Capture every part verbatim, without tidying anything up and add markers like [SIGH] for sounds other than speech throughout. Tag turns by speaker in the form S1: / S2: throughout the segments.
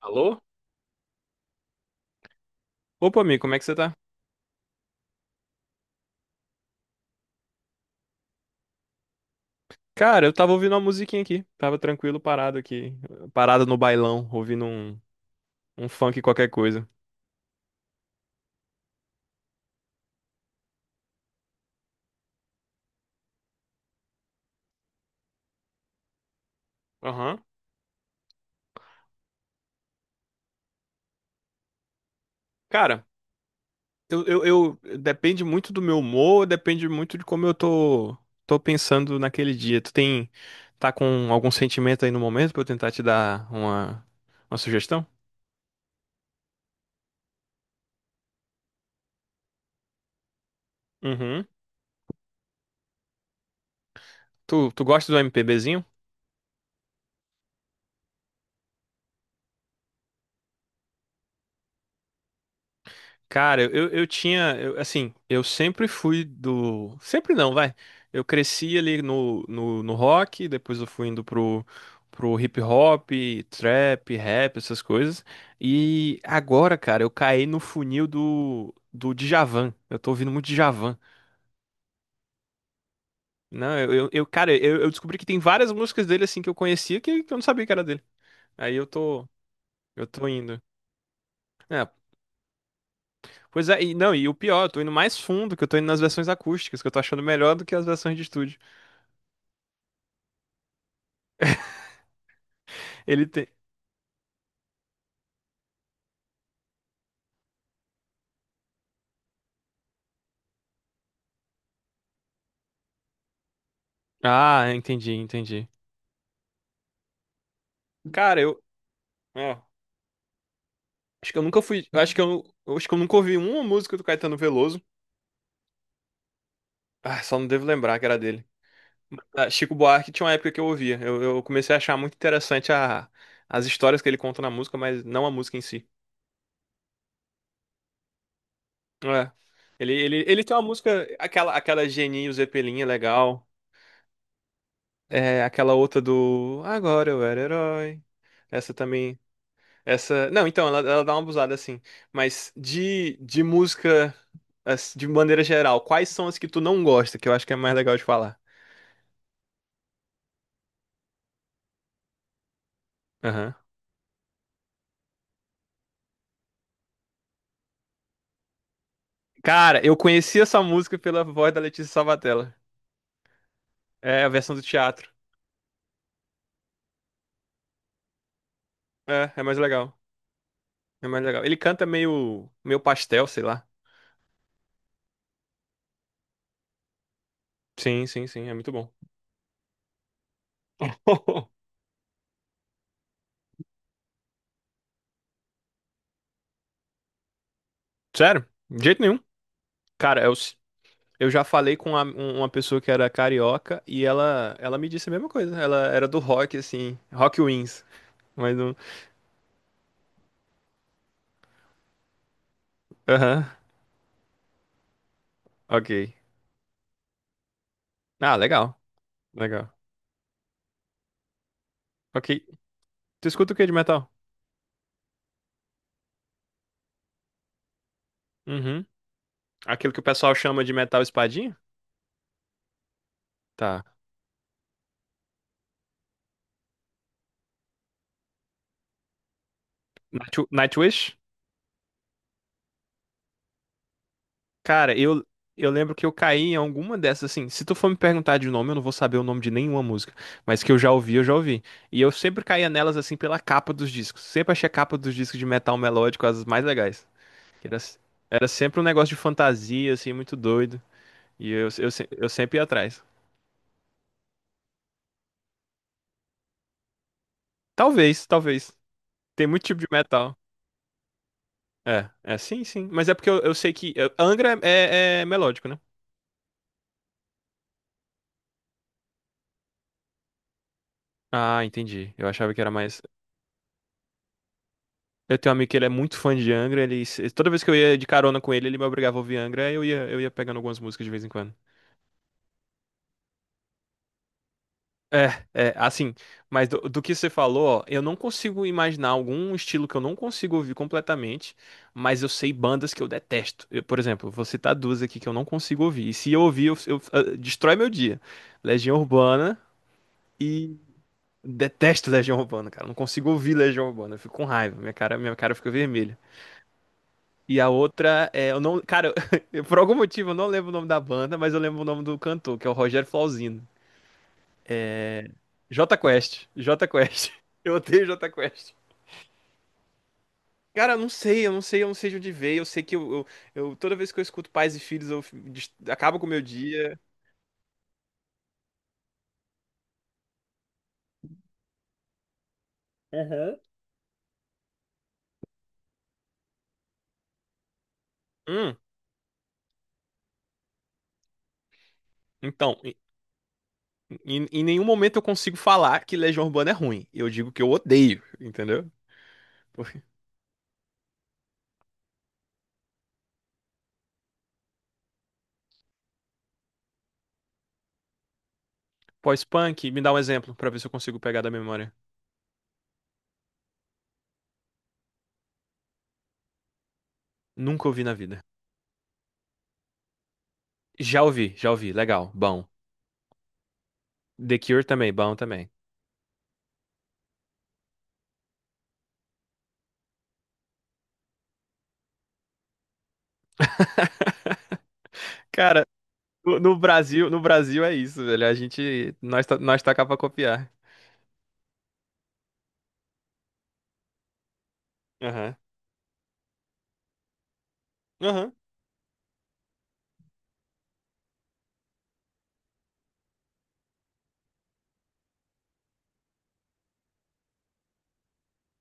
S1: Alô? Opa, amigo, como é que você tá? Cara, eu tava ouvindo uma musiquinha aqui. Tava tranquilo, parado aqui. Parado no bailão, ouvindo um, um funk qualquer coisa. Aham. Cara, eu, eu, eu- depende muito do meu humor, depende muito de como eu tô, tô pensando naquele dia. Tu tem... Tá com algum sentimento aí no momento pra eu tentar te dar uma, uma sugestão? Uhum. Tu, tu gosta do MPBzinho? Cara, eu, eu tinha, eu- assim, eu sempre fui do. Sempre não, vai. Eu cresci ali no, no, no rock, depois eu fui indo pro, pro hip hop, trap, rap, essas coisas. E agora, cara, eu caí no funil do, do Djavan. Eu tô ouvindo muito Djavan. Não, eu, eu, eu- cara, eu, eu descobri que tem várias músicas dele, assim, que eu conhecia que, que eu não sabia que era dele. Aí eu tô, eu tô indo. É, pois é, e não, e o pior, eu tô indo mais fundo, que eu tô indo nas versões acústicas, que eu tô achando melhor do que as versões de estúdio. Ele tem. Ah, entendi, entendi. Cara, eu. é, acho que eu nunca fui. Eu Acho que eu, eu acho que eu nunca ouvi uma música do Caetano Veloso. Ah, só não devo lembrar que era dele. Ah, Chico Buarque tinha uma época que eu ouvia. Eu, eu comecei a achar muito interessante a, as histórias que ele conta na música, mas não a música em si. É. Ele, ele, ele tem uma música, aquela, aquela Geninho Zeppelin é legal. É aquela outra do Agora eu era herói. Essa também. Essa. Não, então, ela, ela dá uma abusada assim. Mas de, de música, assim, de maneira geral, quais são as que tu não gosta? Que eu acho que é mais legal de falar. Aham. Cara, eu conheci essa música pela voz da Letícia Salvatella. É a versão do teatro. É, é mais legal. É mais legal. Ele canta meio, meio pastel, sei lá. Sim, sim, sim. É muito bom. [LAUGHS] Sério? De jeito nenhum. Cara, é o. Eu já falei com uma, um- uma pessoa que era carioca e ela, ela me disse a mesma coisa. Ela era do rock, assim, Rock Wings. Mas não. Aham, ok. Ah, legal, legal. Ok. Tu escuta o que de metal? Uhum. Aquilo que o pessoal chama de metal espadinha? Tá. Night- Nightwish? Cara, eu, eu lembro que eu caí em alguma dessas, assim. Se tu for me perguntar de nome, eu não vou saber o nome de nenhuma música. Mas que eu já ouvi, eu já ouvi. E eu sempre caía nelas, assim, pela capa dos discos. Sempre achei a capa dos discos de metal melódico as mais legais. Era, era sempre um negócio de fantasia, assim, muito doido. E eu, eu, se- eu sempre ia atrás. Talvez, talvez. Tem muito tipo de metal. É, é, sim, sim. Mas é porque eu, eu sei que, eu- Angra é, é melódico, né? Ah, entendi. Eu achava que era mais. Eu tenho um amigo que ele é muito fã de Angra. Ele, se- Toda vez que eu ia de carona com ele, ele me obrigava a ouvir Angra. Aí Eu ia, eu ia pegando algumas músicas de vez em quando. É, é, assim, mas do, do que você falou, ó, eu não consigo imaginar algum estilo que eu não consigo ouvir completamente, mas eu sei bandas que eu detesto. Eu, por exemplo, vou citar duas aqui que eu não consigo ouvir, e se eu ouvir, eu, eu- eh, destrói meu dia. Legião Urbana, e detesto Legião Urbana, cara, eu não consigo ouvir Legião Urbana, eu fico com raiva, minha cara, minha cara fica vermelha. E a outra é, eu não, cara, [LAUGHS] eu- por algum motivo eu não lembro o nome da banda, mas eu lembro o nome do cantor, que é o Rogério Flauzino. JQuest. JQuest. [LAUGHS] Eu odeio JQuest. Cara, eu não sei, eu não sei, eu não sei de onde veio. Eu sei que eu, eu, eu- toda vez que eu escuto Pais e Filhos, eu f- des- acabo com o meu dia. Hum, então, em, em- em nenhum momento eu consigo falar que Legião Urbana é ruim. Eu digo que eu odeio, entendeu? [LAUGHS] Porque- Pós-punk, me dá um exemplo pra ver se eu consigo pegar da memória. Nunca ouvi na vida. Já ouvi, já ouvi, legal, bom. The Cure também, bom também. Cara, no, no Brasil, no Brasil é isso, velho. A gente, nós tá, nós tá cá pra copiar. Aham. Aham.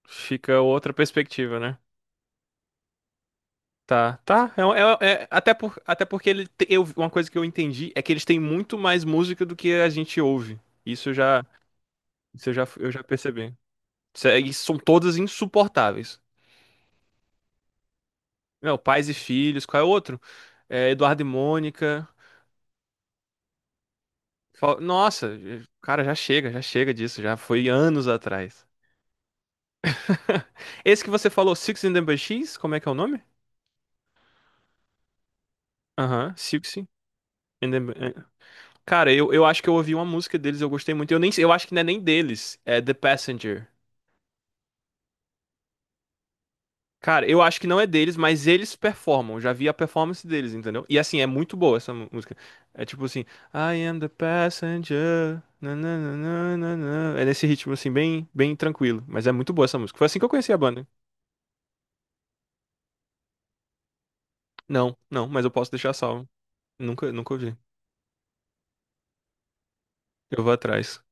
S1: Fica outra perspectiva, né? Tá, tá. É, um, é- é- até por, até porque ele te- eu, uma coisa que eu entendi é que eles têm muito mais música do que a gente ouve. Isso eu já, isso eu já, eu já percebi. Isso é- e são todas insuportáveis. Não, Pais e Filhos, qual é o outro? É, Eduardo e Mônica. Fal- Nossa, cara, já chega, já chega disso, já foi anos atrás. [LAUGHS] Esse que você falou, Six and the Banshees, como é que é o nome? Aham, Six and the. Cara, eu, eu acho que eu ouvi uma música deles, eu gostei muito. Eu nem, eu acho que não é nem deles, é The Passenger. Cara, eu acho que não é deles, mas eles performam. Eu já vi a performance deles, entendeu? E assim, é muito boa essa mu- música. É tipo assim, I am the passenger. Na, na, na, na, na, na. É nesse ritmo assim, bem, bem tranquilo. Mas é muito boa essa música. Foi assim que eu conheci a banda. Não, não, mas eu posso deixar salvo. Nunca, nunca ouvi. Eu vou atrás.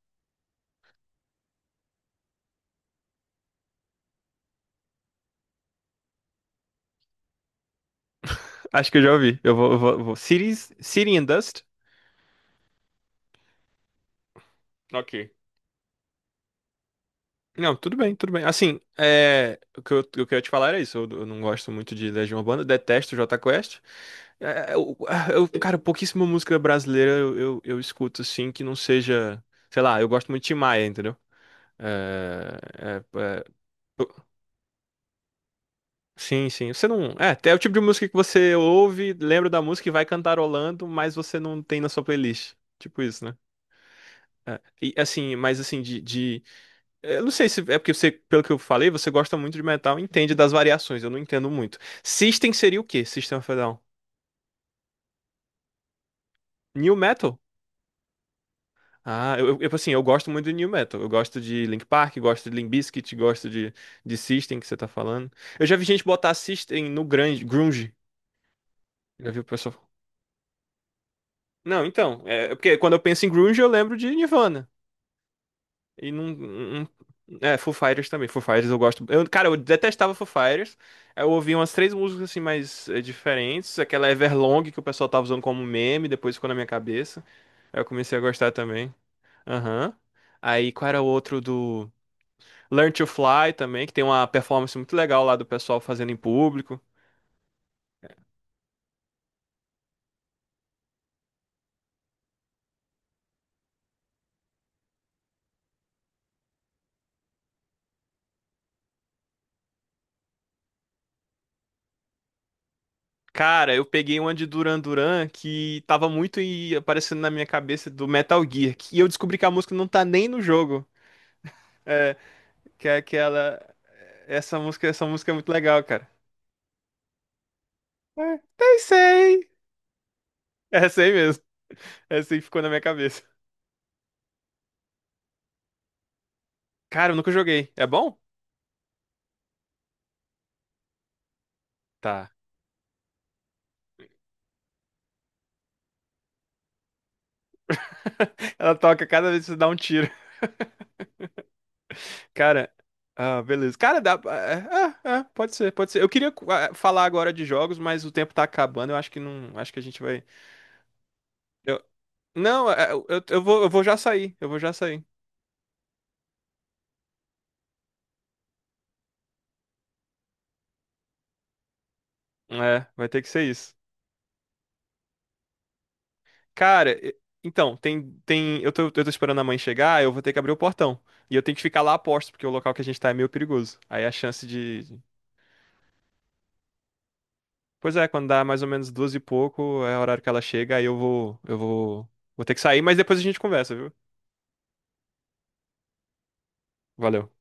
S1: Acho que eu já ouvi. Eu vou, eu vou, eu vou. Cities, City and Dust? Ok. Não, tudo bem, tudo bem. Assim, é, o que eu, o que eu queria te falar era isso. Eu, eu não gosto muito de Legião Urbana, detesto Jota Quest. É, eu, eu- cara, pouquíssima música brasileira eu, eu, eu escuto, assim, que não seja. Sei lá, eu gosto muito de Tim Maia, entendeu? É, é, é, eu- sim, sim. Você não. É, é o tipo de música que você ouve, lembra da música e vai cantarolando, mas você não tem na sua playlist. Tipo isso, né? É, e assim, mas assim, de, de eu não sei se é porque você, pelo que eu falei, você gosta muito de metal, e entende das variações, eu não entendo muito. System seria o quê? System of a Down? New Metal? Ah, eu, eu assim, eu gosto muito de New Metal. Eu gosto de Linkin Park, gosto de Limp Bizkit, gosto de, de System que você tá falando. Eu já vi gente botar System no grande, grunge. Já vi o pessoal. Não, então, é porque quando eu penso em grunge, eu lembro de Nirvana. E não. Não-. É, Foo Fighters também. Foo Fighters eu gosto. Eu, cara, eu detestava Foo Fighters. Eu ouvi umas três músicas assim mais eh, diferentes. Aquela Everlong que o pessoal tava usando como meme, depois ficou na minha cabeça. Aí eu comecei a gostar também. Aham. Aí qual era o outro do Learn to Fly também, que tem uma performance muito legal lá do pessoal fazendo em público. Cara, eu peguei uma de Duran Duran que tava muito e aparecendo na minha cabeça do Metal Gear. que- E eu descobri que a música não tá nem no jogo. É, que é aquela. Essa música, essa música é muito legal, cara. É, pensei! Essa aí mesmo. É essa aí ficou na minha cabeça. Cara, eu nunca joguei. É bom? Tá. [LAUGHS] Ela toca cada vez que você dá um tiro. Cara, ah, beleza. Cara, dá. É, é, é, pode ser, pode ser. Eu queria ah, falar agora de jogos, mas o tempo tá acabando. Eu acho que não. Acho que a gente vai. eu- Não, é, eu, eu vou, eu vou já sair. Eu vou já sair. É, vai ter que ser isso. Cara, e- então, tem, tem, eu tô, eu tô esperando a mãe chegar, eu vou ter que abrir o portão. E eu tenho que ficar lá a posto, porque o local que a gente tá é meio perigoso. Aí a chance de. Pois é, quando dá mais ou menos duas e pouco, é o horário que ela chega, aí eu vou, eu vou, vou ter que sair, mas depois a gente conversa, viu? Valeu.